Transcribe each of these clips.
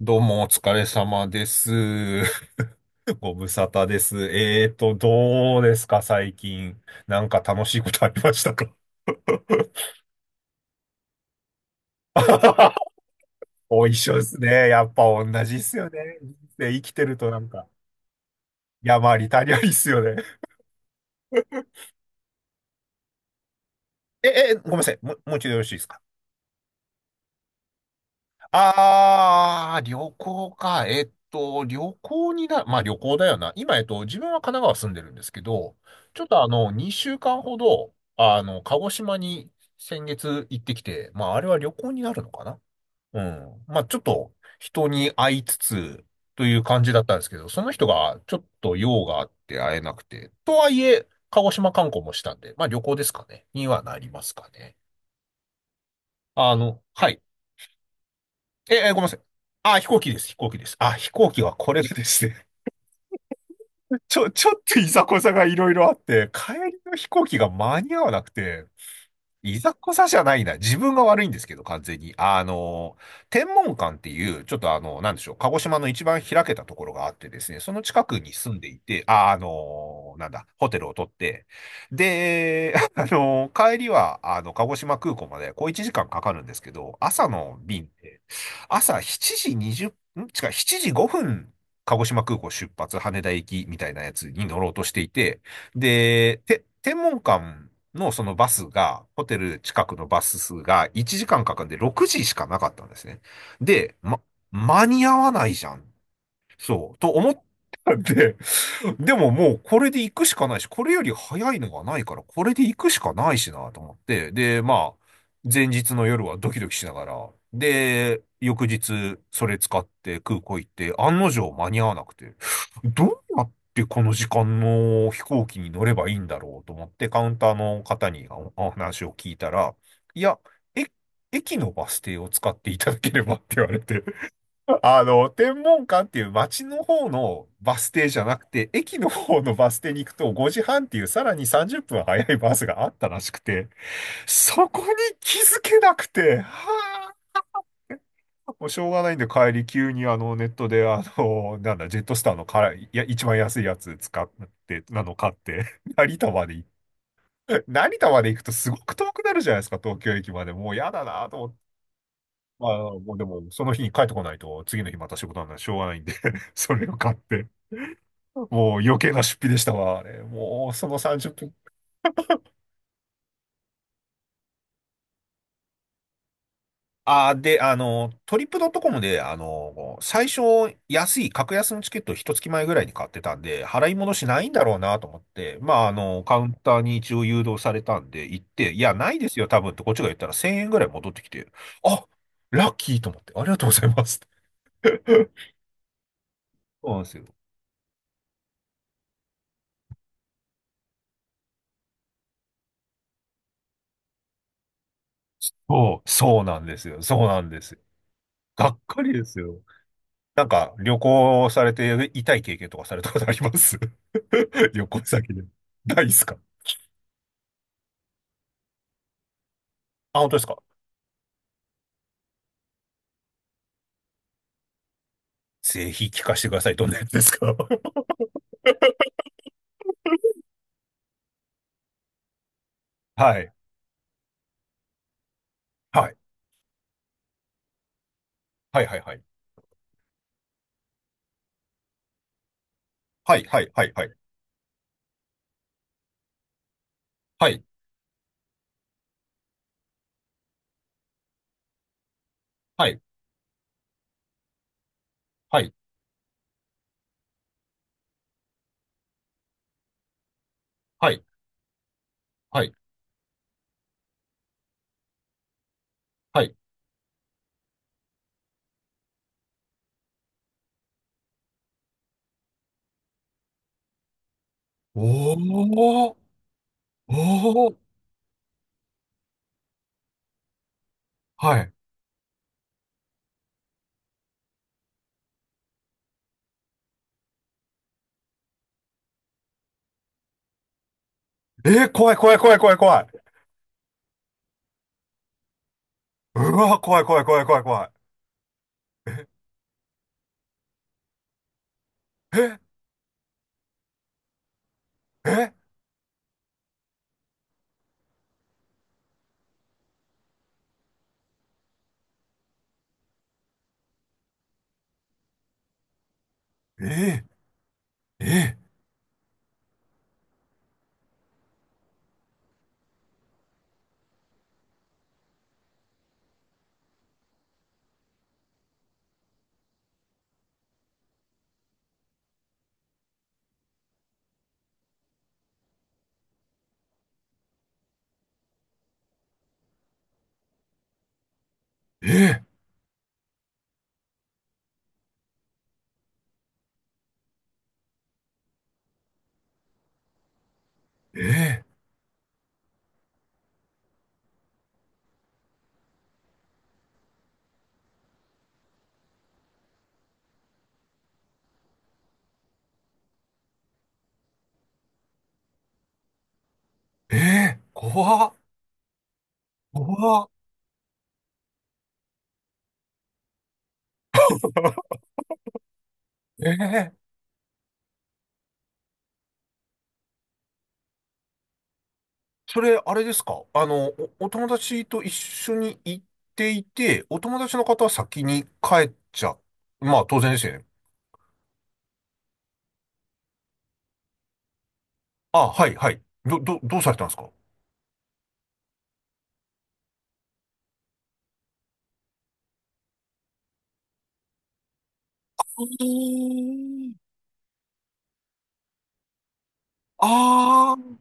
どうもお疲れ様です。ご無沙汰です。どうですか、最近。なんか楽しいことありましたか？ お一緒ですね。やっぱ同じっすよね。人生生きてるとなんか、山あり谷ありっすよね。ごめんなさい。もう一度よろしいですか？ああ、旅行か。旅行にな、まあ旅行だよな。今、自分は神奈川住んでるんですけど、ちょっと2週間ほど、鹿児島に先月行ってきて、まああれは旅行になるのかな。うん。まあちょっと人に会いつつという感じだったんですけど、その人がちょっと用があって会えなくて、とはいえ、鹿児島観光もしたんで、まあ旅行ですかね。にはなりますかね。はい。ごめんなさい。あ、飛行機です、飛行機です。あ、飛行機はこれでですね、ちょっといざこざがいろいろあって、帰りの飛行機が間に合わなくて、いざこざじゃないな。自分が悪いんですけど、完全に。天文館っていう、ちょっとなんでしょう、鹿児島の一番開けたところがあってですね、その近くに住んでいて、あ、なんだ、ホテルを取って、で、帰りは、鹿児島空港まで、こう1時間かんかかるんですけど、朝の便って、朝7時20、ん違う、7時5分、鹿児島空港出発、羽田行きみたいなやつに乗ろうとしていて、で、天文館のそのバスが、ホテル近くのバス数が1時間かんかかんで6時しかなかったんですね。で、ま、間に合わないじゃんっ、そう、と思ったんで、でももうこれで行くしかないし、これより早いのがないから、これで行くしかないしなと思って、で、まあ、前日の夜はドキドキしながら、で、翌日それ使って空港行って、案の定間に合わなくて、どうやってこの時間の飛行機に乗ればいいんだろうと思って、カウンターの方におお話を聞いたら、いや、え、駅のバス停を使っていただければって言われて、天文館っていう街の方のバス停じゃなくて、駅の方のバス停に行くと5時半っていうさらに30分早いバスがあったらしくて、そこに気づけなくて、は、あ、もうしょうがないんで帰り急にネットでなんだ、ジェットスターのから、いや、一番安いやつ使って、なの買って、成田まで行って、成田まで行くとすごく遠くなるじゃないですか、東京駅まで。もう嫌だなと思って。まあ、もうでも、その日に帰ってこないと、次の日また仕事なんでしょうがないんで それを買って。もう余計な出費でしたわ、あれ。もうその30分。あー、で、トリップドットコムで、最初安い、格安のチケットを一月前ぐらいに買ってたんで、払い戻しないんだろうなと思って、まあ、カウンターに一応誘導されたんで、行って、いや、ないですよ、多分ってこっちが言ったら1000円ぐらい戻ってきて、あ、ラッキーと思って、ありがとうございます。そうなんですよ。そう、そうなんですよ。そうなんですよ。がっかりですよ。なんか、旅行されて痛い経験とかされたことあります？ 旅行先で。ないですか？あ、本当ですか？ぜひ聞かせてください。どんなやつですか？ はい。はい。はい、はい、はい。はい、はい、はい、はい。はい、はい、はい、はい、はい、はい。おー、おー、はい。えー、怖い、怖い、怖い、怖い、怖い。うわー、怖い、怖い、怖い、怖い、怖い。え、え、えー、えー、えー、えー、えー、怖っ、怖っ。えー、それ、あれですか？お友達と一緒に行っていて、お友達の方は先に帰っちゃ、まあ当然ですよね。あ、はい、はい。どうされたんですか？ああ、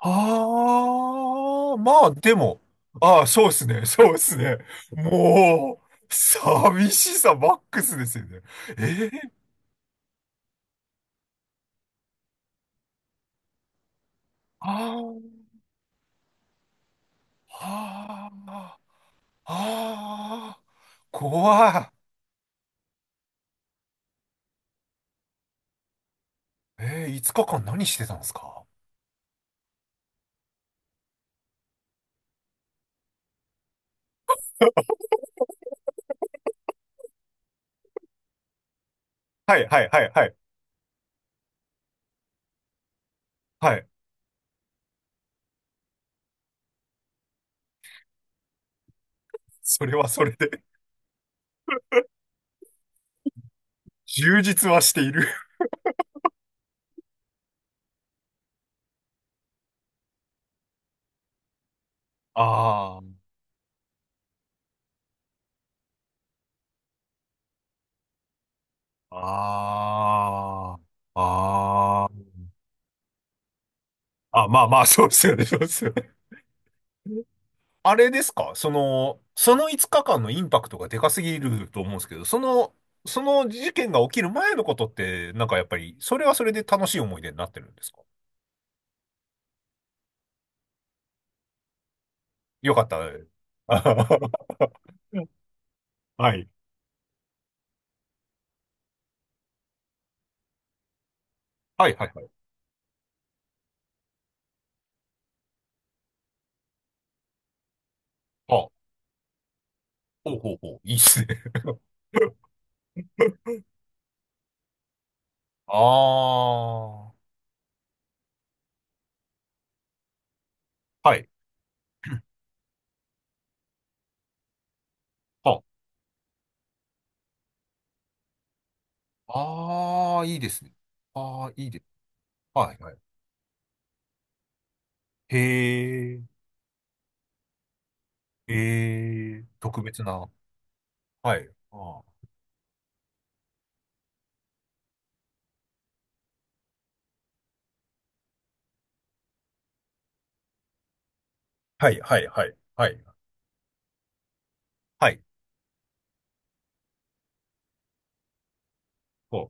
ああ、まあでも、ああ、そうですね、そうですね。もう、寂しさマックスですよね。ええ、ああ、ああ、ああ、怖い。えー、5日間何してたんですか？はいはいはいはい。はい。それはそれで 充実はしている。ああ、ああ、ああ。あ、まあまあ、そうですよね、そうですよね。あれですかその、その5日間のインパクトがでかすぎると思うんですけど、その、その事件が起きる前のことって、なんかやっぱり、それはそれで楽しい思い出になってるんですか？よかった。はい。はいはいはい。あ、ほうほうほう。いいっすね。ああ、はい。あ、ああー、いいですね。ああ、いいです。はい、はい。へえ、へえ、特別な。はい。あー、はい、はい、はい、はい。はい。ほう。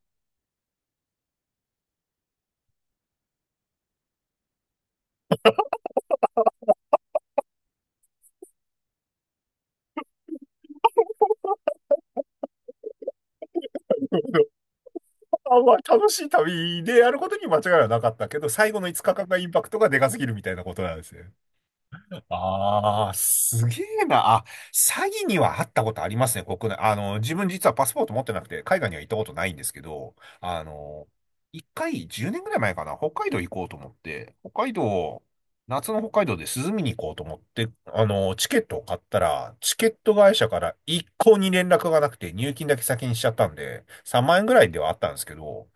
あんま楽しい旅でやることに間違いはなかったけど、最後の5日間がインパクトがでかすぎるみたいなことなんですね。ああ、すげえな。あ、詐欺にはあったことありますね、国内。自分実はパスポート持ってなくて、海外には行ったことないんですけど、一回、10年ぐらい前かな、北海道行こうと思って、北海道、夏の北海道で涼みに行こうと思って、チケットを買ったら、チケット会社から一向に連絡がなくて、入金だけ先にしちゃったんで、3万円ぐらいではあったんですけど、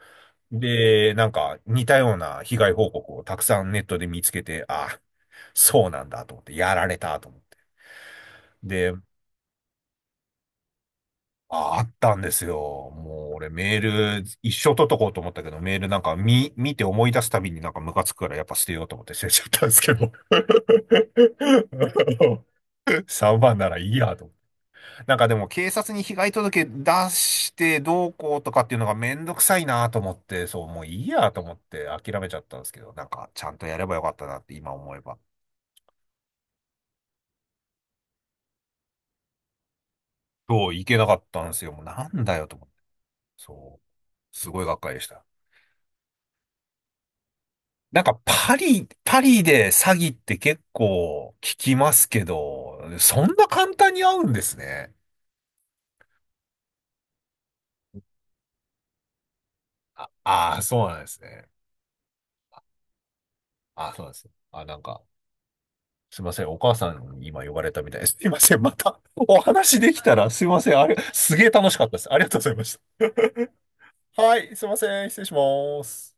で、なんか似たような被害報告をたくさんネットで見つけて、あ、そうなんだと思って、やられたと思って。で、あ、あったんですよ。もう俺メール一生取っとこうと思ったけど、メールなんか見て思い出すたびになんかムカつくからやっぱ捨てようと思って捨てちゃったんですけど。3番ならいいやと、なんかでも警察に被害届出してどうこうとかっていうのがめんどくさいなと思って、そう、もういいやと思って諦めちゃったんですけど、なんかちゃんとやればよかったなって今思えば。そう、いけなかったんですよ。もうなんだよと思って。そう。すごいがっかりでした。なんかパリ、パリで詐欺って結構聞きますけど、そんな簡単に会うんですね。あ、あーそうなんですね。あ、そうなんです。あ、なんか。すいません、お母さんに今呼ばれたみたいです。すいません、またお話できたら、すいません、あれ、すげえ楽しかったです。ありがとうございました。はい、すいません、失礼します。